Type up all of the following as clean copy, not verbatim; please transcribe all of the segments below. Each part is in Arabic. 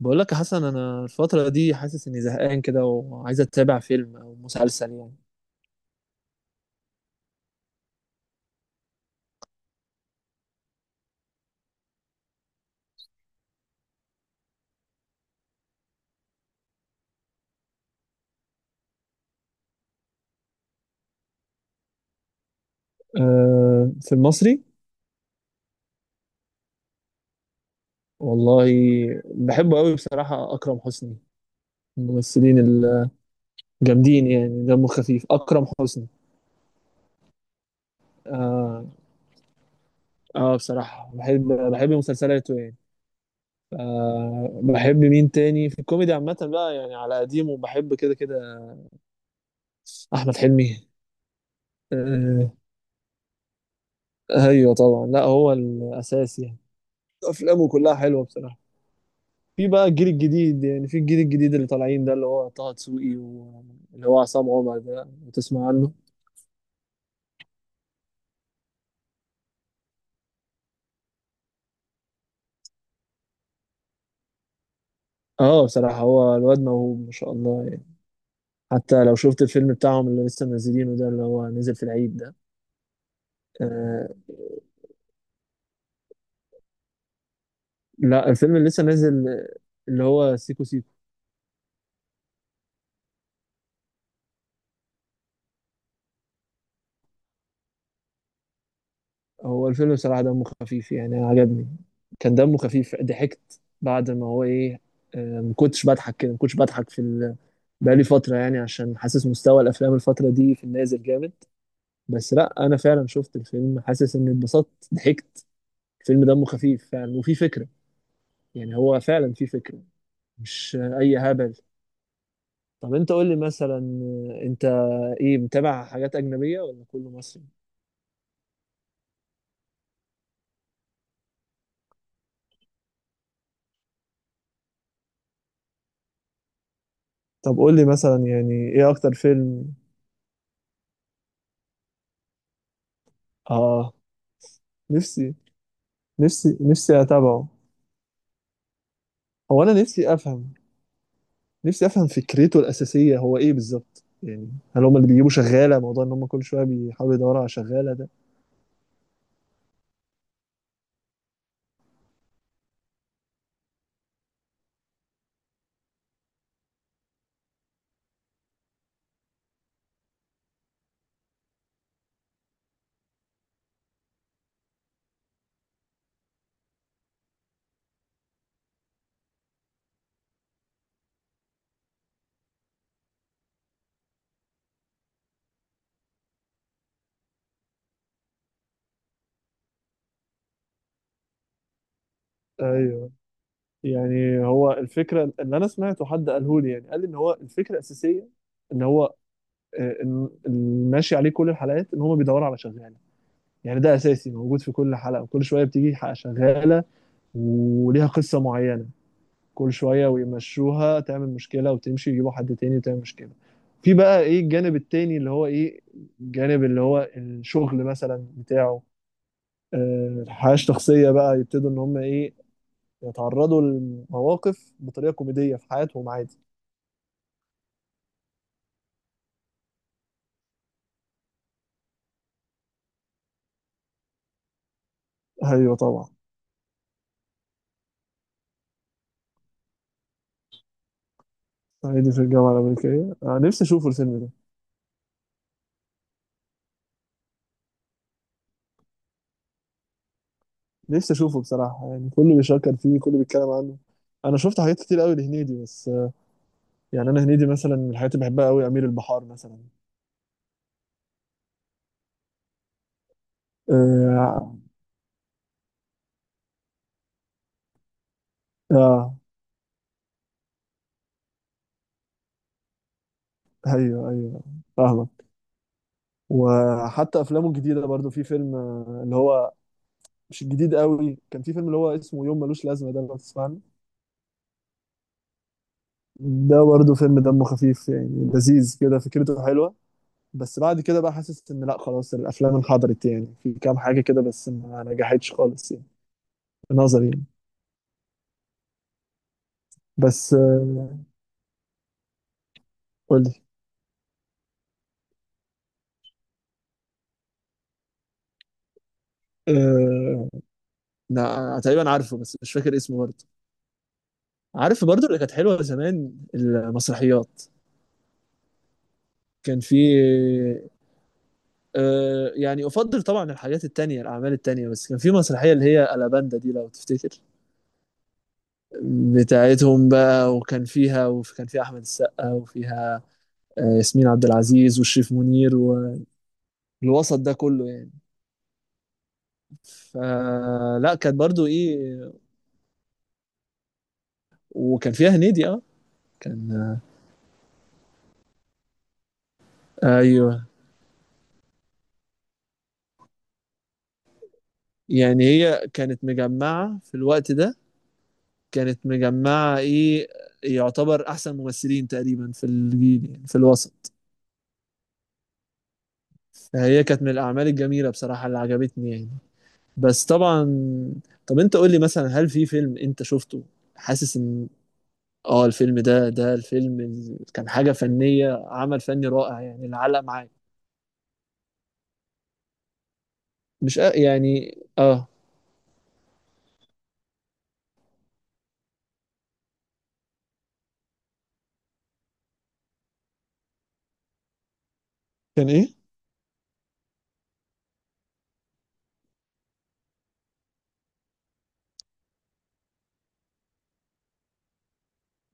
بقول لك يا حسن، انا الفتره دي حاسس اني زهقان كده وعايز اتابع فيلم او مسلسل يعني. في المصري والله. بحبه قوي بصراحه، اكرم حسني من الممثلين الجامدين، يعني دمه خفيف اكرم حسني. اه. بصراحه بحب مسلسلاته يعني. أه، بحب مين تاني في الكوميدي عامه بقى؟ يعني على قديمه بحب كده كده احمد حلمي. أه، ايوه طبعا، لا هو الاساس يعني. افلامه كلها حلوه بصراحه. في بقى الجيل الجديد، يعني في الجيل الجديد اللي طالعين ده، اللي هو طه دسوقي واللي هو عصام عمر ده وتسمع عنه. اه بصراحة هو الواد موهوب ما شاء الله يعني. حتى لو شفت الفيلم بتاعهم اللي لسه منزلينه ده، اللي هو نزل في العيد ده. آه، لا الفيلم اللي لسه نازل، اللي هو سيكو سيكو. هو الفيلم بصراحة دمه خفيف يعني، عجبني. كان دمه خفيف، ضحكت بعد ما هو ايه، آه. ما كنتش بضحك كده، ما كنتش بضحك في بقالي فترة يعني، عشان حاسس مستوى الأفلام الفترة دي في النازل جامد. بس لا انا فعلا شفت الفيلم حاسس اني اتبسطت، ضحكت. الفيلم دمه خفيف فعلا وفي فكره، يعني هو فعلا في فكره، مش اي هبل. طب انت قول لي مثلا، انت ايه، متابع حاجات اجنبيه ولا كله مصري؟ طب قول لي مثلا، يعني ايه اكتر فيلم؟ اه، نفسي نفسي اتابعه. هو انا نفسي افهم، نفسي افهم فكرته الاساسيه هو ايه بالظبط، يعني هل هم اللي بيجيبوا شغاله، موضوع ان هم كل شويه بيحاولوا يدوروا على شغاله ده؟ ايوه. يعني هو الفكرة اللي أنا سمعته حد قاله لي، يعني قال لي إن هو الفكرة الأساسية إن هو، اللي ماشي عليه كل الحلقات إن هم بيدوروا على شغالة. يعني ده أساسي موجود في كل حلقة، وكل شوية بتيجي حلقة شغالة وليها قصة معينة، كل شوية ويمشوها، تعمل مشكلة وتمشي، يجيبوا حد تاني وتعمل مشكلة. في بقى إيه الجانب التاني اللي هو إيه، الجانب اللي هو الشغل مثلا بتاعه، الحياة الشخصية بقى. يبتدوا إن هم إيه، يتعرضوا لمواقف بطريقة كوميدية في حياتهم عادي. ايوه طبعا. صعيدي في الجامعه الامريكيه، انا نفسي اشوفه الفيلم ده. نفسي اشوفه بصراحه يعني، كله بيشكر فيه، كله بيتكلم عنه. انا شفت حاجات كتير قوي لهنيدي بس آه، يعني انا هنيدي مثلا من الحاجات اللي بحبها قوي امير البحار مثلا. اه, آه ايوه ايوه، فاهمك. وحتى افلامه الجديده برضو في فيلم، اللي هو مش الجديد قوي، كان في فيلم اللي هو اسمه يوم ملوش لازمه ده، لو تسمعني. ده برضو فيلم دمه خفيف يعني، لذيذ كده، فكرته حلوه. بس بعد كده بقى حاسس ان لا خلاص الافلام انحدرت، يعني في كام حاجه كده بس ما نجحتش خالص يعني، في نظري يعني. بس قول لي. أه... لا تقريبا عارفه بس مش فاكر اسمه برضه. عارف برضه اللي كانت حلوه زمان المسرحيات؟ كان في، يعني افضل طبعا الحاجات التانية الاعمال التانية، بس كان في مسرحيه اللي هي الاباندا دي لو تفتكر، بتاعتهم بقى، وكان فيها احمد السقا وفيها، ياسمين عبد العزيز وشريف منير الوسط ده كله يعني. فلا، كانت برضو ايه، وكان فيها هنيدي اه، كان ايوه. يعني هي كانت مجمعة في الوقت ده، كانت مجمعة ايه، يعتبر احسن ممثلين تقريبا في الجيل يعني في الوسط. فهي كانت من الاعمال الجميلة بصراحة اللي عجبتني يعني. بس طبعا، طب انت قول لي مثلا، هل في فيلم انت شفته حاسس ان اه الفيلم ده، كان حاجة فنية، عمل فني رائع يعني، اللي علق معاك؟ مش أ- يعني اه، كان ايه؟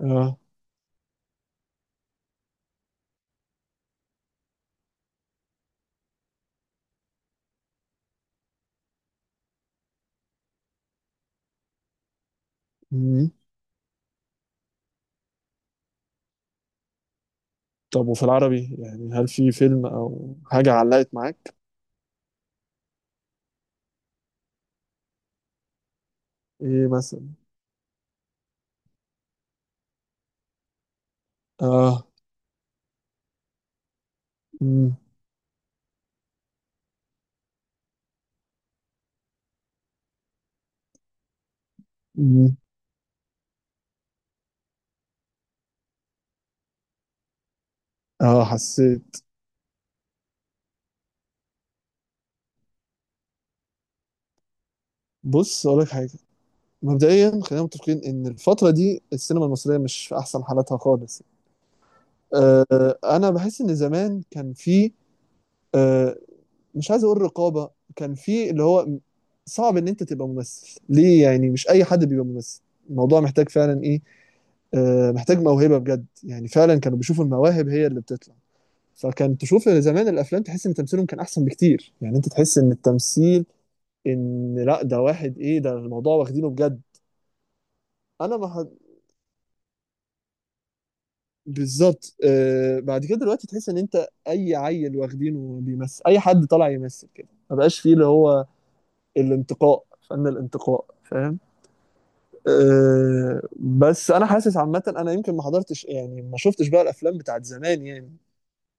اه. مم. طب وفي العربي يعني، هل في فيلم او حاجة علقت معاك؟ ايه مثلا؟ اه. مم. مم. اه حسيت. بص اقول لك حاجة، مبدئيا خلينا متفقين ان الفترة دي السينما المصرية مش في احسن حالاتها خالص. آه انا بحس ان زمان كان في، آه، مش عايز اقول رقابة. كان في اللي هو صعب ان انت تبقى ممثل ليه، يعني مش اي حد بيبقى ممثل، الموضوع محتاج فعلا ايه، محتاج موهبه بجد يعني، فعلا كانوا بيشوفوا المواهب هي اللي بتطلع. فكان تشوف زمان الافلام تحس ان تمثيلهم كان احسن بكتير، يعني انت تحس ان التمثيل، ان لا ده واحد ايه، ده الموضوع واخدينه بجد. انا ما ح- بالظبط. آه، بعد كده دلوقتي تحس ان انت اي عيل واخدينه بيمثل، اي حد طالع يمثل كده، ما بقاش فيه اللي هو الانتقاء، فن الانتقاء، فاهم؟ آه بس انا حاسس عامه انا يمكن ما حضرتش يعني، ما شفتش بقى الافلام بتاعت زمان يعني،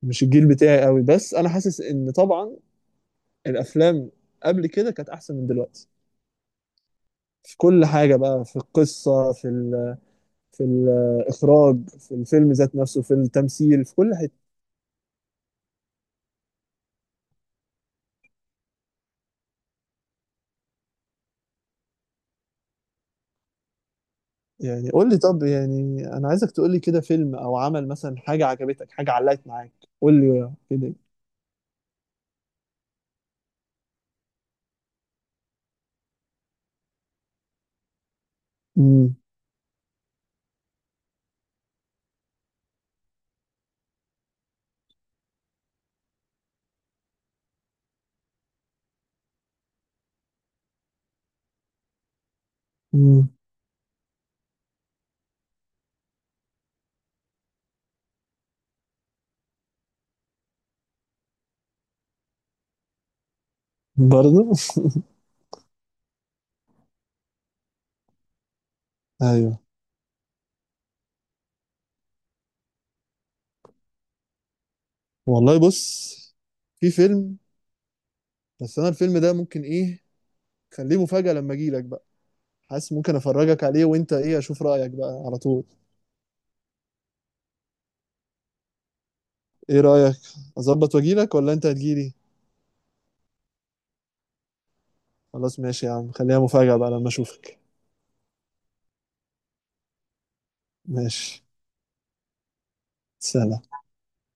مش الجيل بتاعي قوي. بس انا حاسس ان طبعا الافلام قبل كده كانت احسن من دلوقتي، في كل حاجه بقى، في القصه، في ال، في الاخراج، في الفيلم ذات نفسه، في التمثيل، في كل حته. يعني قول لي، طب يعني انا عايزك تقول لي كده فيلم او عمل مثلا، حاجه عجبتك، حاجه علقت معاك. قول لي كده. امم، امم، برضه. ايوه والله. بص، في فيلم، بس انا الفيلم ده ممكن ايه، خليه مفاجأة لما اجي لك. حاسس ممكن افرجك عليه وانت ايه، اشوف رايك بقى على طول. ايه رايك؟ اظبط واجيلك ولا انت هتجيلي؟ خلاص ماشي يا عم، خليها مفاجاه بقى لما اشوفك. ماشي. سلام.